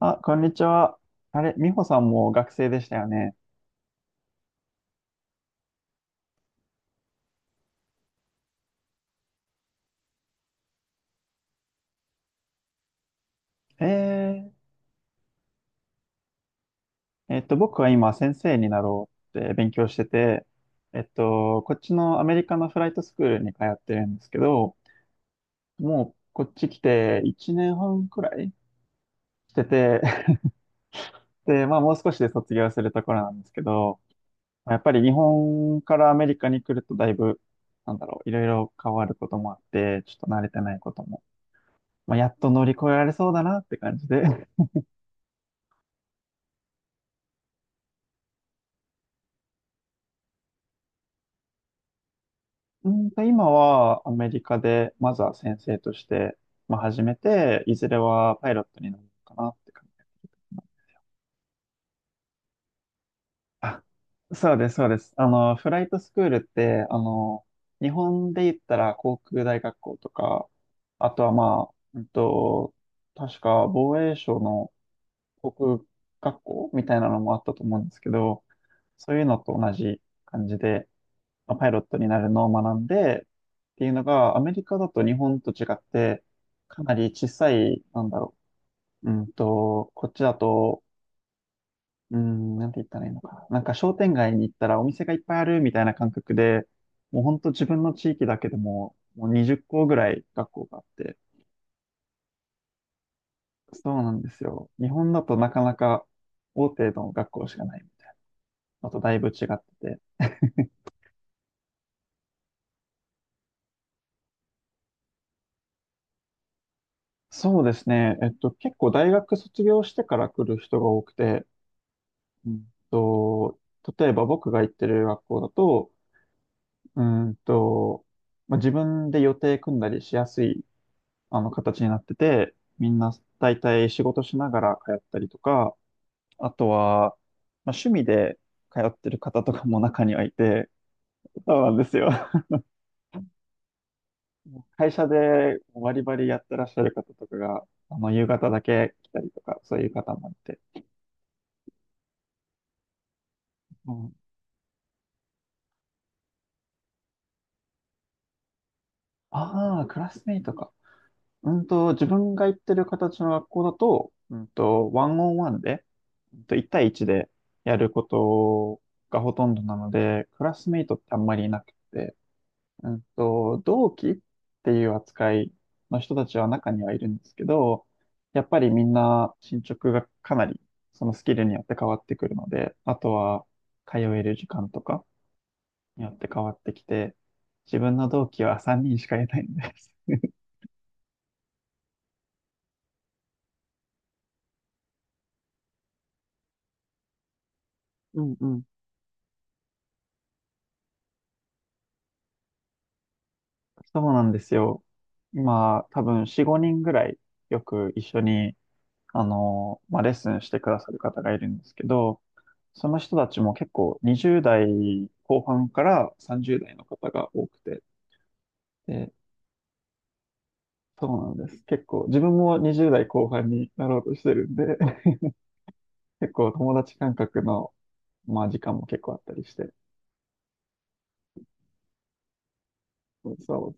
あ、こんにちは。あれ、美穂さんも学生でしたよね。え僕は今先生になろうって勉強してて、こっちのアメリカのフライトスクールに通ってるんですけど、もうこっち来て1年半くらいしてて、で、まあもう少しで卒業するところなんですけど、まあやっぱり日本からアメリカに来るとだいぶ、なんだろう、いろいろ変わることもあって、ちょっと慣れてないことも、まあ、やっと乗り越えられそうだなって感じで。今はアメリカで、まずは先生として、まあ、始めて、いずれはパイロットになるのかなって感じ。あ、そうです、そうです。フライトスクールって、日本で言ったら航空大学校とか、あとはまあ、確か防衛省の航空学校みたいなのもあったと思うんですけど、そういうのと同じ感じで、まあパイロットになるのを学んで、っていうのが、アメリカだと日本と違って、かなり小さい、なんだろう。こっちだと、うん、なんて言ったらいいのかな。なんか商店街に行ったらお店がいっぱいあるみたいな感覚で、もうほんと自分の地域だけでも、もう20校ぐらい学校があって、そうなんですよ。日本だとなかなか大手の学校しかないみたいな。あとだいぶ違ってて。そうですね。結構大学卒業してから来る人が多くて、うんと、例えば僕が行ってる学校だと、うーんと、まあ、自分で予定組んだりしやすい、形になってて、みんな大体仕事しながら通ったりとか、あとは、まあ、趣味で通ってる方とかも中にはいて、そうなんですよ。もう会社でバリバリやってらっしゃる方とかが、夕方だけ来たりとか、そういう方もいて。うん、ああ、クラスメイトか。自分が行ってる形の学校だと、ワンオンワンで、1対1でやることがほとんどなので、クラスメイトってあんまりいなくて、同期っていう扱いの人たちは中にはいるんですけど、やっぱりみんな進捗がかなりそのスキルによって変わってくるので、あとは通える時間とかによって変わってきて、自分の同期は3人しかいないんです。うんうん。そうなんですよ。今、多分4、5人ぐらいよく一緒に、まあ、レッスンしてくださる方がいるんですけど、その人たちも結構20代後半から30代の方が多くて、で、そうなんです。結構、自分も20代後半になろうとしてるんで、結構友達感覚の、まあ、時間も結構あったりして、そう、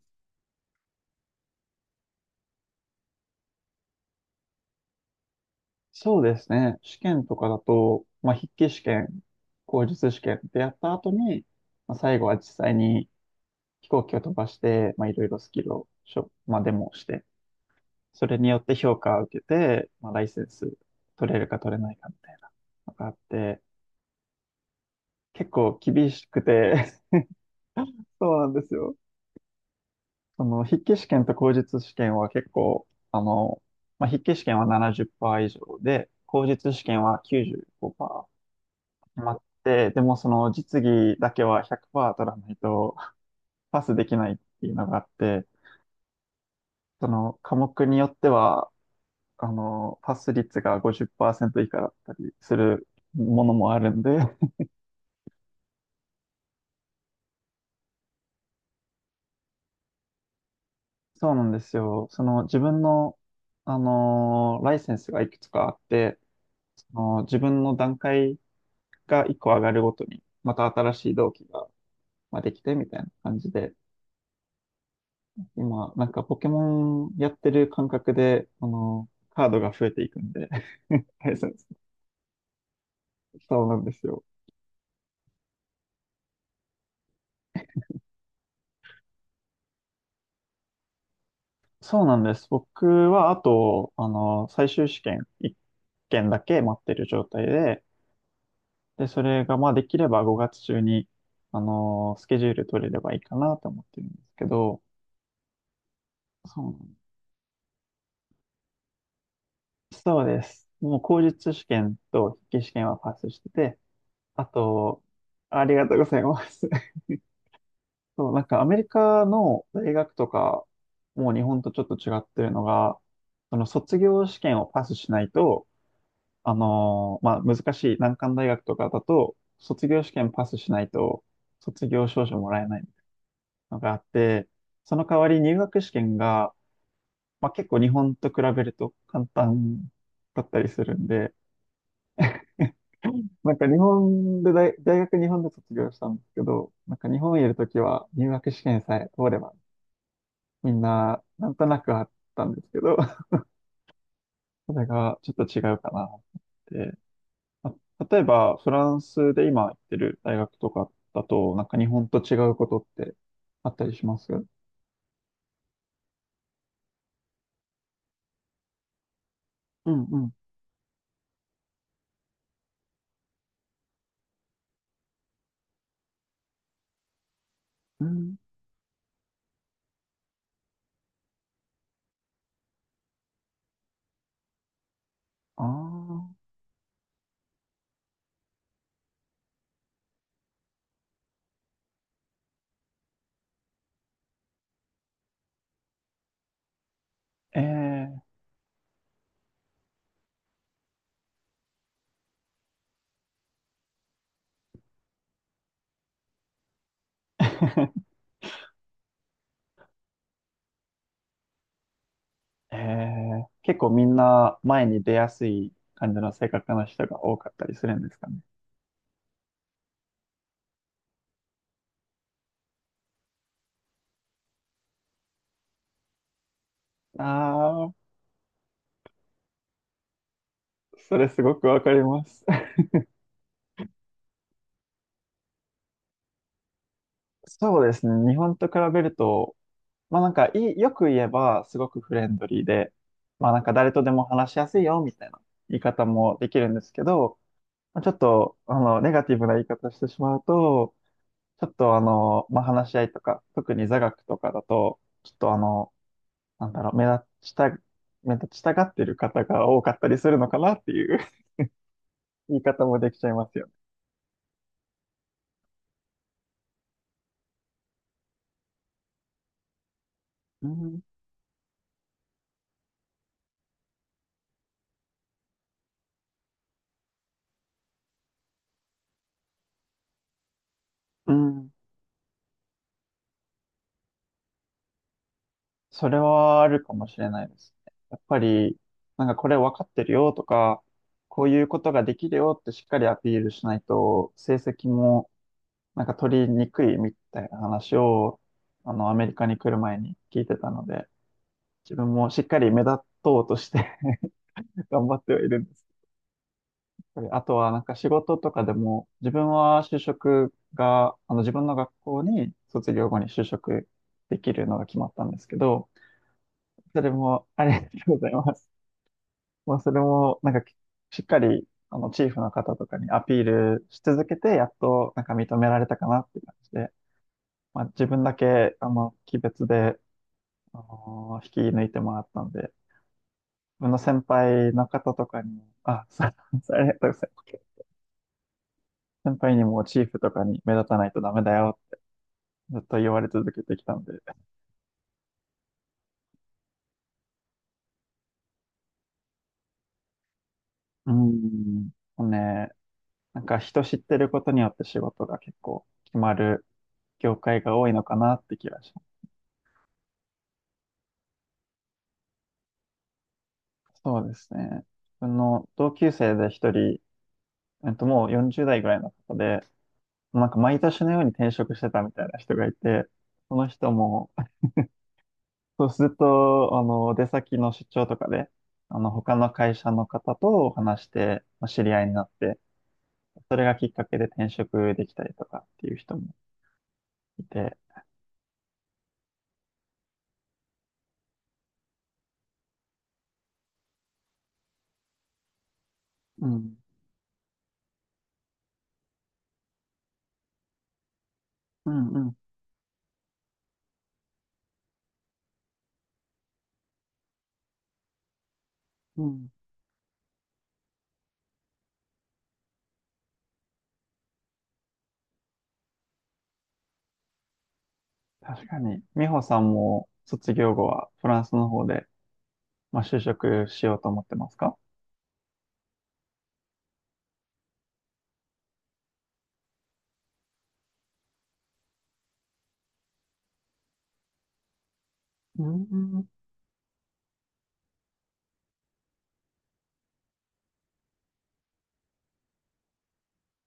そうですね。試験とかだと、まあ、筆記試験、口述試験ってやった後に、まあ、最後は実際に飛行機を飛ばして、まあ、いろいろスキルをしょ、まあ、デモをして、それによって評価を受けて、まあ、ライセンス取れるか取れないかみたいなのがあって、結構厳しくて。 そうなんですよ。その筆記試験と口述試験は結構、まあ、筆記試験は70%以上で、口述試験は95%まって、でもその実技だけは100%取らないとパスできないっていうのがあって、その科目によっては、パス率が50%以下だったりするものもあるんで、そうなんですよ。その自分の、ライセンスがいくつかあって、その自分の段階が1個上がるごとに、また新しい同期が、まあ、できてみたいな感じで、今、なんかポケモンやってる感覚で、カードが増えていくんで。 大切そうなんですよ。そうなんです。僕は、あと、最終試験1件だけ待ってる状態で、で、それが、まあ、できれば5月中に、スケジュール取れればいいかなと思ってるんですけど、そうなんです。そうです。もう、口述試験と筆記試験はパスしてて、あと、ありがとうございます。そう、なんかアメリカの大学とか、もう日本とちょっと違ってるのが、その卒業試験をパスしないと、まあ、難しい難関大学とかだと、卒業試験パスしないと、卒業証書もらえないのがあって、その代わり入学試験が、まあ、結構日本と比べると簡単だったりするんで、なんか日本で大学日本で卒業したんですけど、なんか日本にいるときは入学試験さえ通ればみんな、なんとなくあったんですけど、それがちょっと違うかなって。まあ例えば、フランスで今行ってる大学とかだと、なんか日本と違うことってあったりします？うんうん。うん。ああ。ええ。 ええ、結構みんな前に出やすい感じの性格の人が多かったりするんですかね。ああ、それすごくわかります。そうですね。日本と比べるとまあなんかいい、よく言えばすごくフレンドリーで、まあなんか誰とでも話しやすいよみたいな言い方もできるんですけど、まあちょっと、ネガティブな言い方してしまうと、ちょっとまあ話し合いとか、特に座学とかだと、ちょっとなんだろう、目立ちたがってる方が多かったりするのかなっていう。 言い方もできちゃいますよね。うん。うん。それはあるかもしれないですね。やっぱり、なんかこれ分かってるよとか、こういうことができるよってしっかりアピールしないと、成績もなんか取りにくいみたいな話を、アメリカに来る前に聞いてたので、自分もしっかり目立とうとして、 頑張ってはいるんです。あとはなんか仕事とかでも、自分は就職が、自分の学校に卒業後に就職できるのが決まったんですけど、それもありがとうございます。まあ、それも、なんかしっかり、チーフの方とかにアピールし続けて、やっと、なんか認められたかなって感じで、まあ、自分だけ、鬼別で、引き抜いてもらったんで、自分の先輩の方とかにも、あ、そう、ありがとうございます。先輩にもチーフとかに目立たないとダメだよ、ずっと言われ続けてきたんで。うん、もうね、なんか人知ってることによって仕事が結構決まる業界が多いのかなって気がします。そうですね。自分の同級生で一人、もう40代ぐらいの方で、なんか毎年のように転職してたみたいな人がいて、その人も、そうずっと、出先の出張とかで、他の会社の方と話して、まあ知り合いになって、それがきっかけで転職できたりとかっていう人もいて、うん、うん、うん、うん。確かに、美穂さんも卒業後はフランスの方で、まあ、就職しようと思ってますか？うん。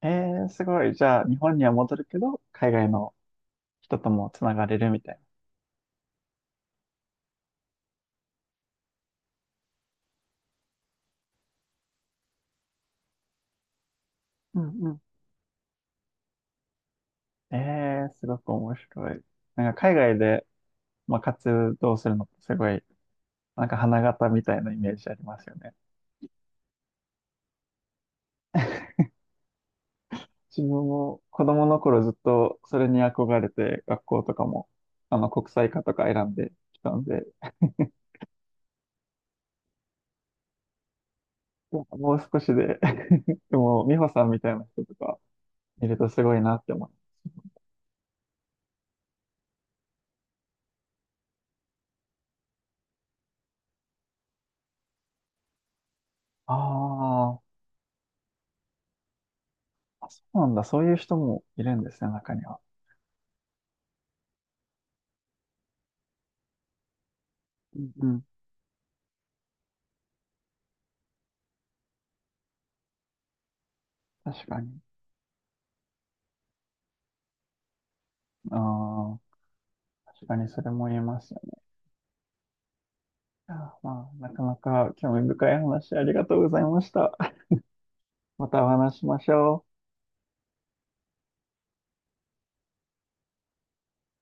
ええー、すごい。じゃあ、日本には戻るけど、海外の人ともつながれるみたいな。うんうん。ええー、すごく面白い。なんか海外で、まあ、活動するのってすごい、なんか花形みたいなイメージありますよね。自分も子供の頃ずっとそれに憧れて、学校とかも、国際科とか選んできたんで、いやもう少しで、 でも、美穂さんみたいな人とかいるとすごいなって思う。あーあ、そうなんだ。そういう人もいるんですね、中には。うん、確かに。ああ、確かにそれも言えますよね。あー、まあ、なかなか興味深い話ありがとうございました。またお話ししましょう。